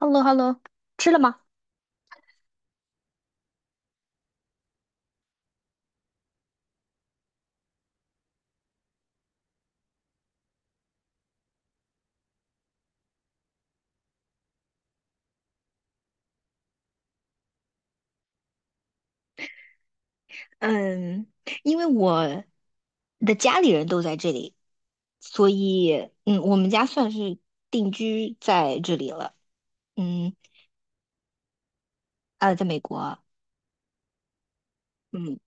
h e l l o h e l l o。 吃了吗？嗯，因为我的家里人都在这里，所以我们家算是定居在这里了。嗯，在美国。嗯，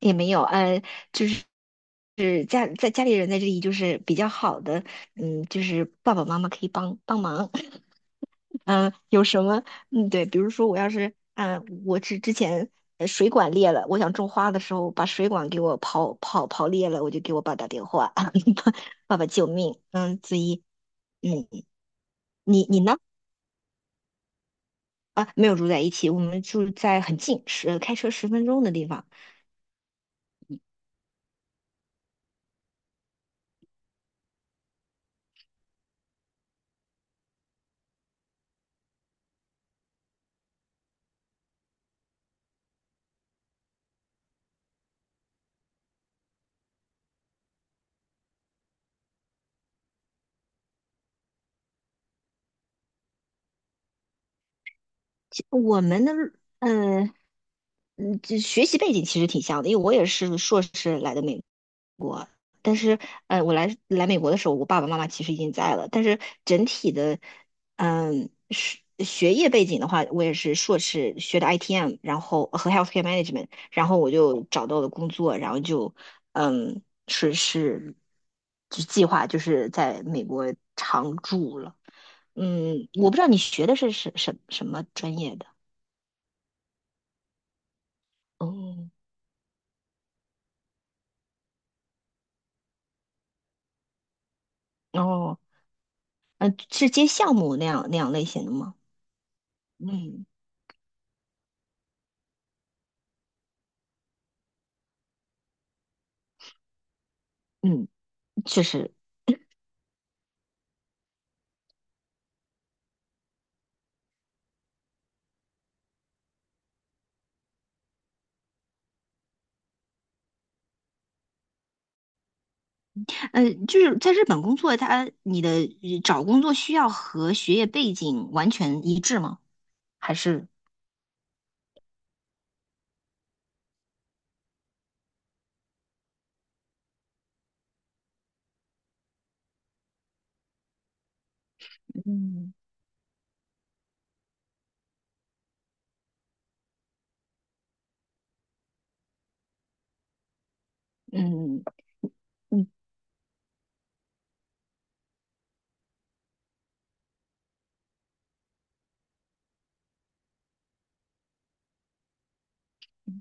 也没有，就是是家在家里人在这里，就是比较好的。就是爸爸妈妈可以帮帮忙。嗯，有什么？对，比如说我要是，我是之前水管裂了，我想种花的时候把水管给我刨裂了，我就给我爸打电话，爸爸救命！嗯，子怡，嗯，你呢？啊，没有住在一起，我们住在很近，是开车十分钟的地方。我们的，嗯这学习背景其实挺像的，因为我也是硕士来的美。但是，我来美国的时候，我爸爸妈妈其实已经在了。但是整体的，学业背景的话，我也是硕士学的 ITM，然后和 healthcare management，然后我就找到了工作，然后就，嗯，是是，就计划就是在美国常住了。我不知道你学的是什么专业的？哦哦，嗯，是接项目那样类型的吗？嗯嗯，确实。就是在日本工作，他你的找工作需要和学业背景完全一致吗？还是嗯嗯嗯，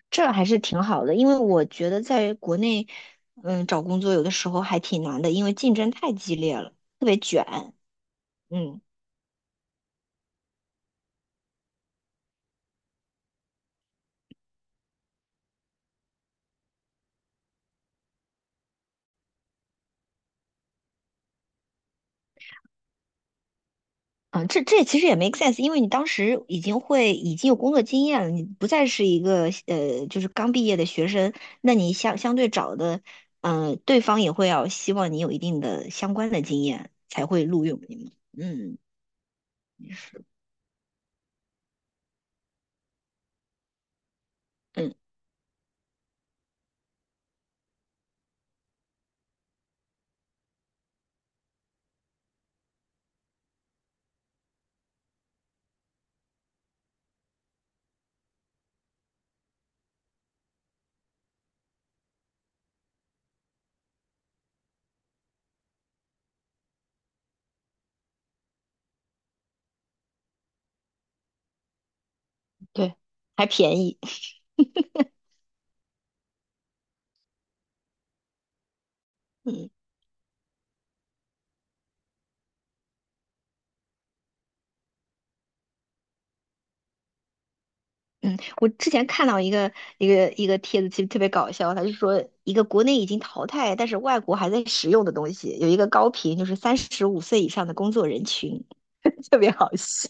这还是挺好的，因为我觉得在国内，找工作有的时候还挺难的，因为竞争太激烈了，特别卷。嗯。嗯，这其实也没 a sense，因为你当时已经会已经有工作经验了，你不再是一个就是刚毕业的学生，那你相对找的，嗯、对方也会要希望你有一定的相关的经验才会录用你嘛。嗯，也是。嗯，对，还便宜。嗯嗯。我之前看到一个一个帖子，其实特别搞笑，他就说一个国内已经淘汰，但是外国还在使用的东西，有一个高频，就是三十五岁以上的工作人群，特别好笑。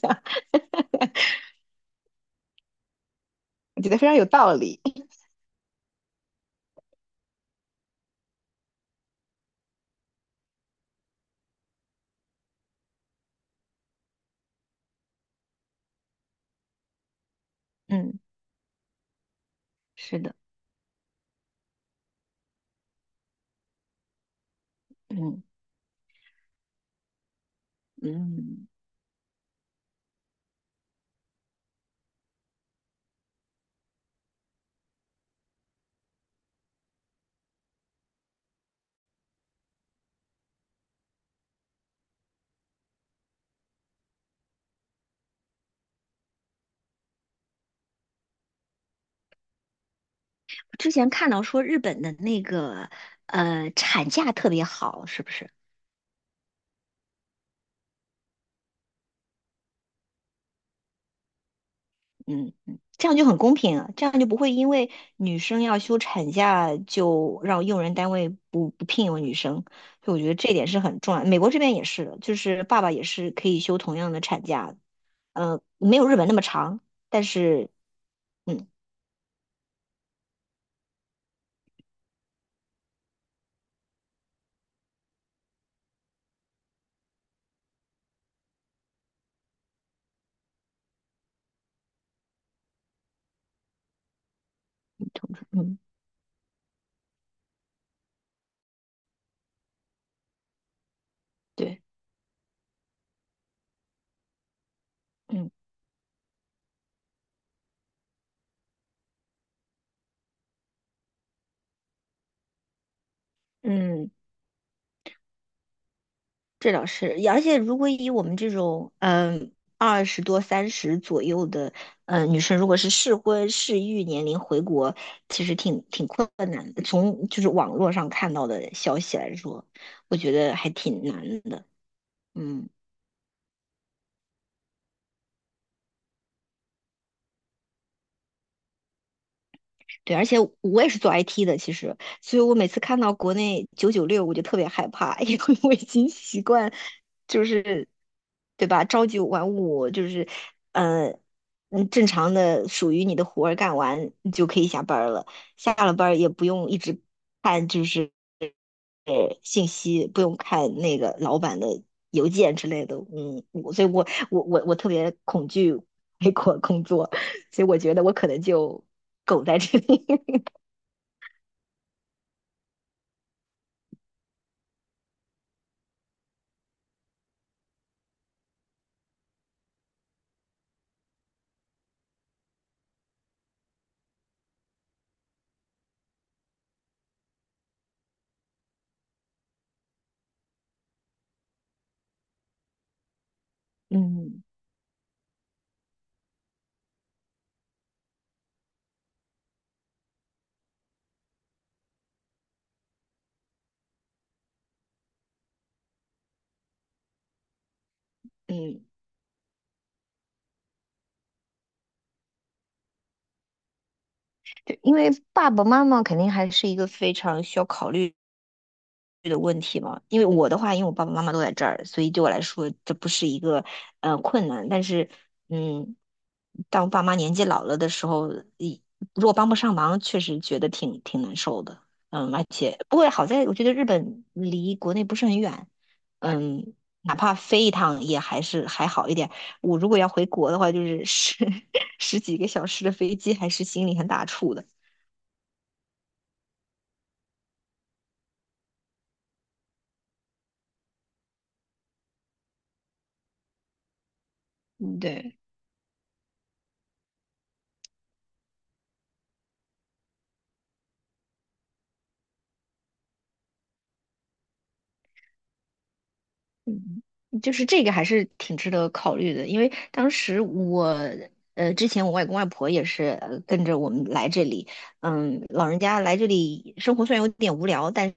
我觉得非常有道理。嗯，是的。嗯嗯，之前看到说日本的那个产假特别好，是不是？嗯嗯，这样就很公平啊，这样就不会因为女生要休产假就让用人单位不聘用女生，所以我觉得这点是很重要。美国这边也是的，就是爸爸也是可以休同样的产假的，没有日本那么长，但是嗯嗯对嗯嗯。这倒是，而且如果以我们这种嗯二十多、三十左右的嗯、女生，如果是适婚适育年龄回国，其实挺困难的。从就是网络上看到的消息来说，我觉得还挺难的。嗯。对，而且我也是做 IT 的，其实，所以我每次看到国内九九六，我就特别害怕，因为我已经习惯，就是，对吧？朝九晚五，就是，嗯正常的属于你的活儿干完，你就可以下班儿了。下了班儿也不用一直看，就是信息，不用看那个老板的邮件之类的。嗯，我所以我特别恐惧美国工作，所以我觉得我可能就苟在这里。嗯嗯。对，因为爸爸妈妈肯定还是一个非常需要考虑的问题嘛，因为我的话，因为我爸爸妈妈都在这儿，所以对我来说这不是一个困难。但是，嗯，当爸妈年纪老了的时候，一如果帮不上忙，确实觉得挺难受的。而且不过好在我觉得日本离国内不是很远。嗯，哪怕飞一趟也还是还好一点。我如果要回国的话，就是十 十几个小时的飞机，还是心里很打怵的。嗯，对。嗯，就是这个还是挺值得考虑的，因为当时我，之前我外公外婆也是跟着我们来这里。老人家来这里生活虽然有点无聊，但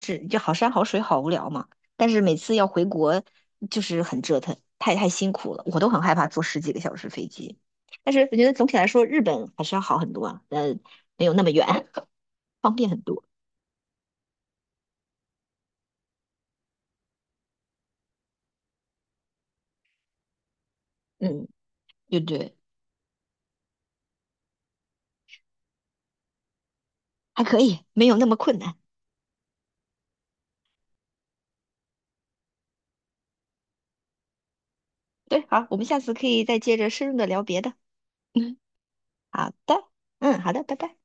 是就好山好水好无聊嘛，但是每次要回国就是很折腾，太辛苦了，我都很害怕坐十几个小时飞机，但是我觉得总体来说日本还是要好很多啊，没有那么远，方便很多。嗯，对对。还可以，没有那么困难。对，好，我们下次可以再接着深入的聊别的。嗯，好的，好的，拜拜。